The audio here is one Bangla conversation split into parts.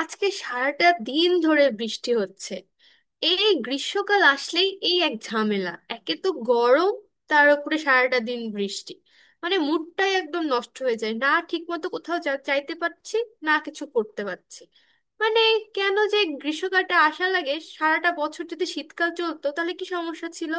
আজকে সারাটা দিন ধরে বৃষ্টি হচ্ছে। এই গ্রীষ্মকাল আসলেই এই এক ঝামেলা, একে তো গরম, তার উপরে সারাটা দিন বৃষ্টি। মানে মুডটাই একদম নষ্ট হয়ে যায়, না ঠিকমতো কোথাও যাইতে পারছি, না কিছু করতে পারছি। মানে কেন যে গ্রীষ্মকালটা আসা লাগে, সারাটা বছর যদি শীতকাল চলতো তাহলে কি সমস্যা ছিল?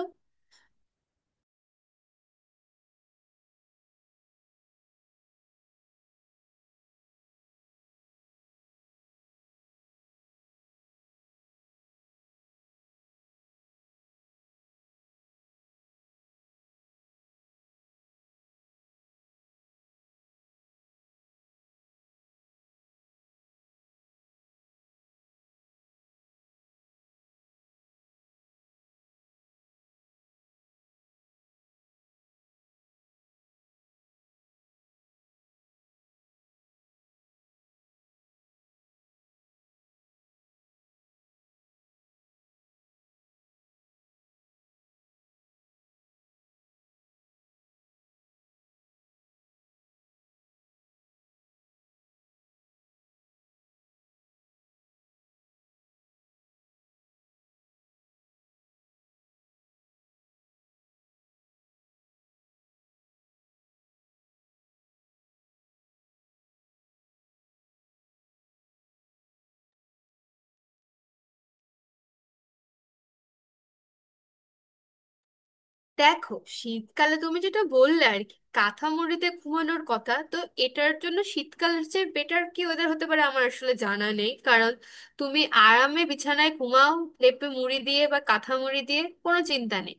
দেখো, শীতকালে তুমি যেটা বললে আর কি কাঁথা মুড়িতে ঘুমানোর কথা, তো এটার জন্য শীতকালের চেয়ে বেটার কি ওয়েদার হতে পারে আমার আসলে জানা নেই। কারণ তুমি আরামে বিছানায় ঘুমাও, লেপে মুড়ি দিয়ে বা কাঁথা মুড়ি দিয়ে, কোনো চিন্তা নেই।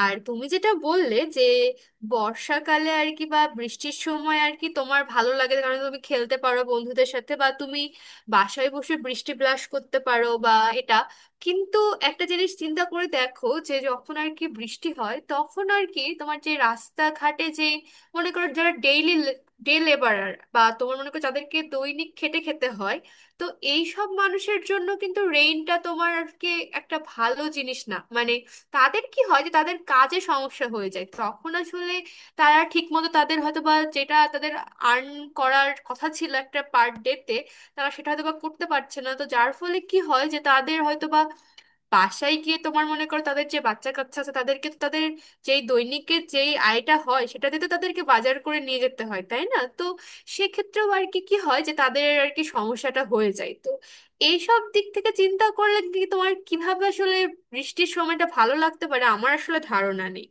আর তুমি যেটা বললে যে বর্ষাকালে আর কি, বা বৃষ্টির সময় আর কি, তোমার ভালো লাগে, কারণ তুমি খেলতে পারো বন্ধুদের সাথে, বা তুমি বাসায় বসে বৃষ্টি ব্লাশ করতে পারো, বা এটা। কিন্তু একটা জিনিস চিন্তা করে দেখো, যে যখন আর কি বৃষ্টি হয়, তখন আর কি তোমার যে রাস্তাঘাটে যে, মনে করো যারা ডেইলি ডে লেবারার, বা তোমার মনে করো যাদেরকে দৈনিক খেটে খেতে হয়, তো এই সব মানুষের জন্য কিন্তু রেইনটা তোমার আর কি একটা ভালো জিনিস না। মানে তাদের কি হয়, যে তাদের কাজে সমস্যা হয়ে যায় তখন। আসলে তারা ঠিকমতো তাদের হয়তো বা যেটা তাদের আর্ন করার কথা ছিল একটা পার ডে তে, তারা সেটা হয়তো বা করতে পারছে না। তো যার ফলে কি হয়, যে তাদের হয়তো বা বাসায় গিয়ে, তোমার মনে করো তাদের যে বাচ্চা কাচ্চা আছে তাদেরকে তো, তাদের যেই দৈনিকের যেই আয়টা হয় সেটা দিয়ে তো তাদেরকে বাজার করে নিয়ে যেতে হয়, তাই না? তো সেক্ষেত্রেও আর কি কি হয়, যে তাদের আর কি সমস্যাটা হয়ে যায়। তো এইসব দিক থেকে চিন্তা করলে কি তোমার কিভাবে আসলে বৃষ্টির সময়টা ভালো লাগতে পারে আমার আসলে ধারণা নেই।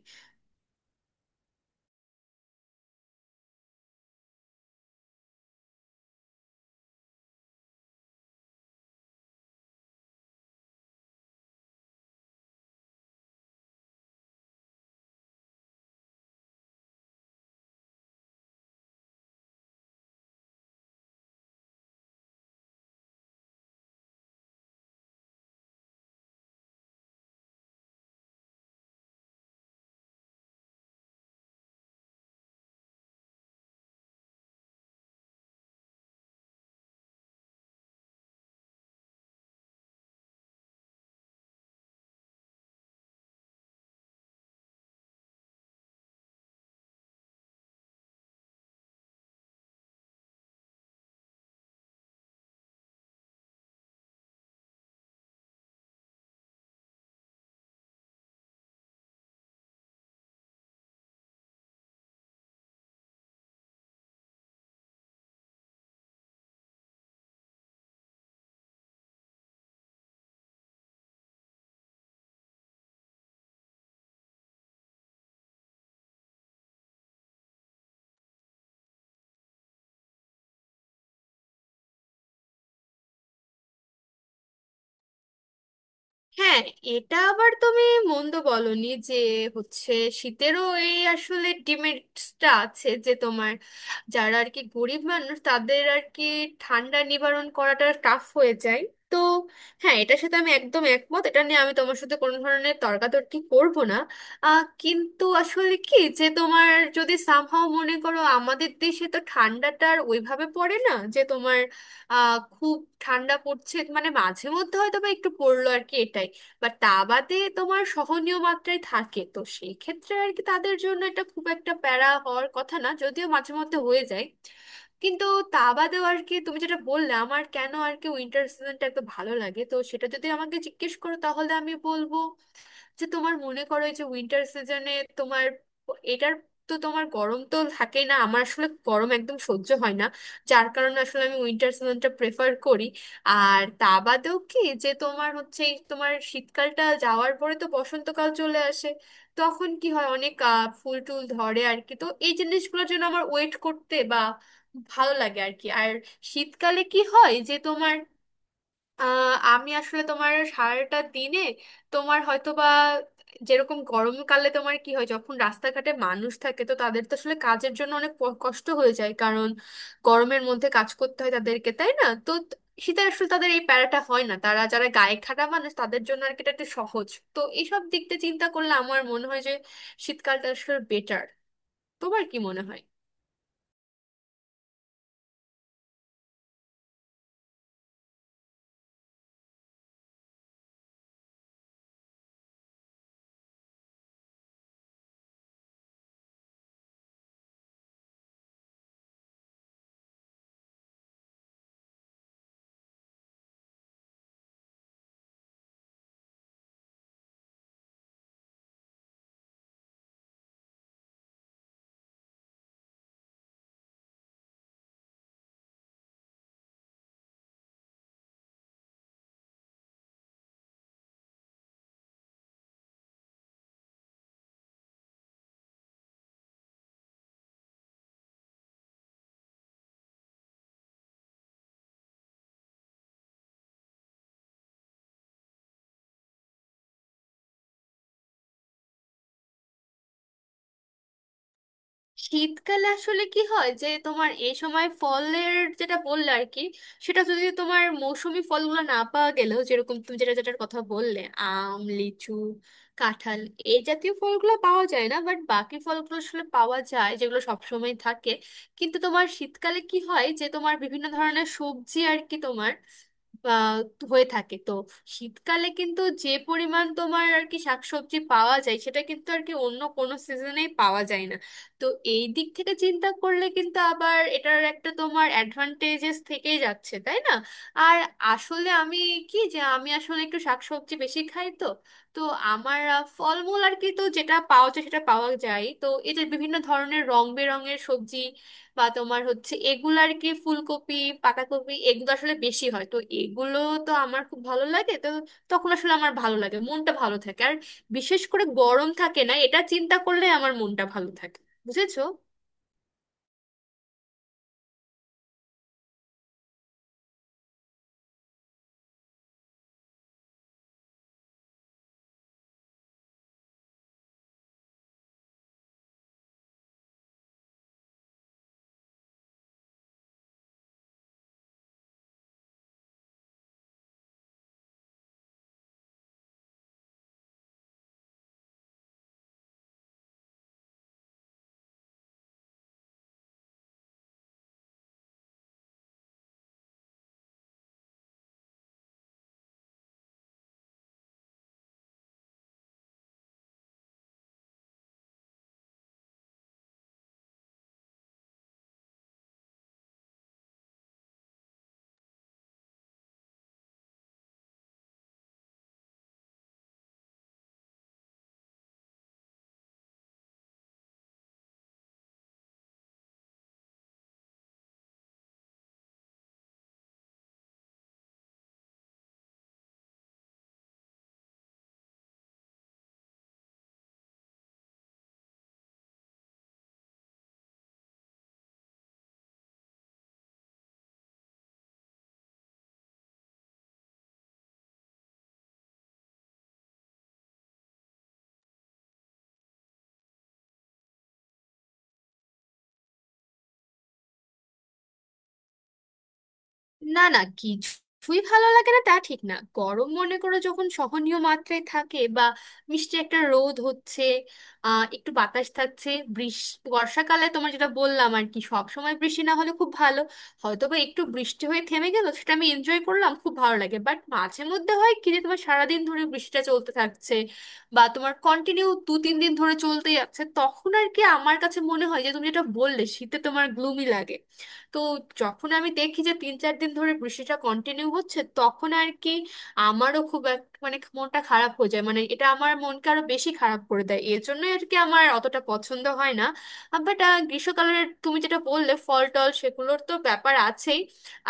হ্যাঁ, এটা আবার তুমি মন্দ বলনি যে হচ্ছে শীতেরও এই আসলে ডিমেরিটসটা আছে, যে তোমার যারা আর কি গরিব মানুষ, তাদের আর কি ঠান্ডা নিবারণ করাটা টাফ হয়ে যায়। তো হ্যাঁ, এটার সাথে আমি একদম একমত, এটা নিয়ে আমি তোমার সাথে কোনো ধরনের তর্কাতর্কি করব না। কিন্তু আসলে কি, যে তোমার যদি সামহাও মনে করো আমাদের দেশে তো ঠান্ডাটা আর ওইভাবে পড়ে না, যে তোমার খুব ঠান্ডা পড়ছে, মানে মাঝে মধ্যে হয়তো বা একটু পড়লো আর কি, এটাই। বাট তা বাদে তোমার সহনীয় মাত্রায় থাকে, তো সেই ক্ষেত্রে আর কি তাদের জন্য এটা খুব একটা প্যারা হওয়ার কথা না, যদিও মাঝে মধ্যে হয়ে যায়। কিন্তু তা বাদেও আর কি তুমি যেটা বললে আমার কেন আর কি উইন্টার সিজনটা এত ভালো লাগে, তো সেটা যদি আমাকে জিজ্ঞেস করো তাহলে আমি বলবো যে, তোমার মনে করো এই যে উইন্টার সিজনে তোমার এটার, তো তোমার গরম তো থাকেই না, আমার আসলে গরম একদম সহ্য হয় না। যার কারণে আসলে আমি উইন্টার সিজনটা প্রেফার করি। আর তা বাদেও কি যে তোমার হচ্ছে এই তোমার শীতকালটা যাওয়ার পরে তো বসন্তকাল চলে আসে, তখন কি হয় অনেক ফুল টুল ধরে আর কি, তো এই জিনিসগুলোর জন্য আমার ওয়েট করতে বা ভালো লাগে আর কি। আর শীতকালে কি হয় যে তোমার, আমি আসলে তোমার সারাটা দিনে তোমার হয়তো বা, যেরকম গরমকালে তোমার কি হয় যখন রাস্তাঘাটে মানুষ থাকে, তো তাদের তো আসলে কাজের জন্য অনেক কষ্ট হয়ে যায়, কারণ গরমের মধ্যে কাজ করতে হয় তাদেরকে, তাই না? তো শীতে আসলে তাদের এই প্যারাটা হয় না, তারা যারা গায়ে খাটা মানুষ তাদের জন্য আর কি এটা একটু সহজ। তো এইসব দিক দিয়ে চিন্তা করলে আমার মনে হয় যে শীতকালটা আসলে বেটার। তোমার কি মনে হয়? শীতকালে আসলে কি হয় যে তোমার এই সময় ফলের, যেটা বললে আর কি, সেটা যদি তোমার মৌসুমী ফলগুলো না পাওয়া গেলেও, যেরকম তুমি যেটা যেটার কথা বললে আম, লিচু, কাঁঠাল, এই জাতীয় ফলগুলো পাওয়া যায় না, বাট বাকি ফলগুলো আসলে পাওয়া যায় যেগুলো সবসময় থাকে। কিন্তু তোমার শীতকালে কি হয়, যে তোমার বিভিন্ন ধরনের সবজি আর কি তোমার আহ হয়ে থাকে। তো শীতকালে কিন্তু যে পরিমাণ তোমার আর কি শাকসবজি পাওয়া যায়, সেটা কিন্তু আর কি অন্য কোনো সিজনেই পাওয়া যায় না। তো এই দিক থেকে চিন্তা করলে কিন্তু আবার এটার একটা তোমার অ্যাডভান্টেজেস থেকেই যাচ্ছে, তাই না? আর আসলে আমি, কি যে আমি আসলে একটু শাকসবজি বেশি খাই, তো তো আমার ফলমূল আর কি, তো যেটা পাওয়া যায় সেটা পাওয়া যায়, তো এদের বিভিন্ন ধরনের রং বেরঙের সবজি বা তোমার হচ্ছে এগুলো আর কি ফুলকপি, পাতাকপি, এগুলো আসলে বেশি হয়, তো এগুলো তো আমার খুব ভালো লাগে। তো তখন আসলে আমার ভালো লাগে, মনটা ভালো থাকে। আর বিশেষ করে গরম থাকে না, এটা চিন্তা করলে আমার মনটা ভালো থাকে। বুঝেছো? না না, কিছুই ভালো লাগে না তা ঠিক না। গরম মনে করো যখন সহনীয় মাত্রায় থাকে, বা মিষ্টি একটা রোদ হচ্ছে, একটু বাতাস থাকছে, বৃষ্টি বর্ষাকালে তোমার যেটা বললাম আর কি সব সময় বৃষ্টি না হলে খুব ভালো, হয়তো বা একটু বৃষ্টি হয়ে থেমে গেল সেটা আমি এনজয় করলাম, খুব ভালো লাগে। বাট মাঝে মধ্যে হয় কি, যে তোমার সারাদিন ধরে বৃষ্টিটা চলতে থাকছে, বা তোমার কন্টিনিউ 2-3 দিন ধরে চলতে যাচ্ছে, তখন আর কি আমার কাছে মনে হয় যে তুমি যেটা বললে শীতে তোমার গ্লুমি লাগে, তো যখন আমি দেখি যে 3-4 দিন ধরে বৃষ্টিটা কন্টিনিউ হচ্ছে, তখন আর কি আমারও খুব মানে মনটা খারাপ হয়ে যায়, মানে এটা আমার মনকে আরো বেশি খারাপ করে দেয়, এর জন্য আর কি আমার অতটা পছন্দ হয় না। বাট গ্রীষ্মকালের তুমি যেটা বললে ফল টল সেগুলোর তো ব্যাপার আছেই।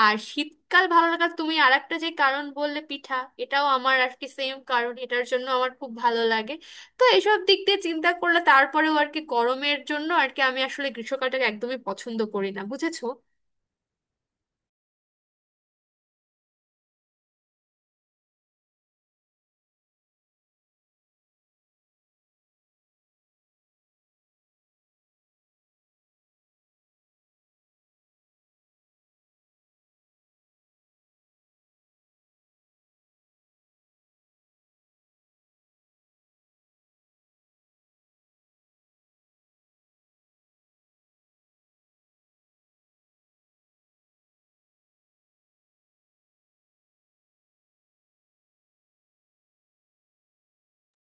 আর শীতকাল ভালো লাগার তুমি আর একটা যে কারণ বললে পিঠা, এটাও আমার আর কি সেম কারণ, এটার জন্য আমার খুব ভালো লাগে। তো এসব দিক দিয়ে চিন্তা করলে তারপরেও আর কি গরমের জন্য আর কি আমি আসলে গ্রীষ্মকালটাকে একদমই পছন্দ করি না, বুঝেছো?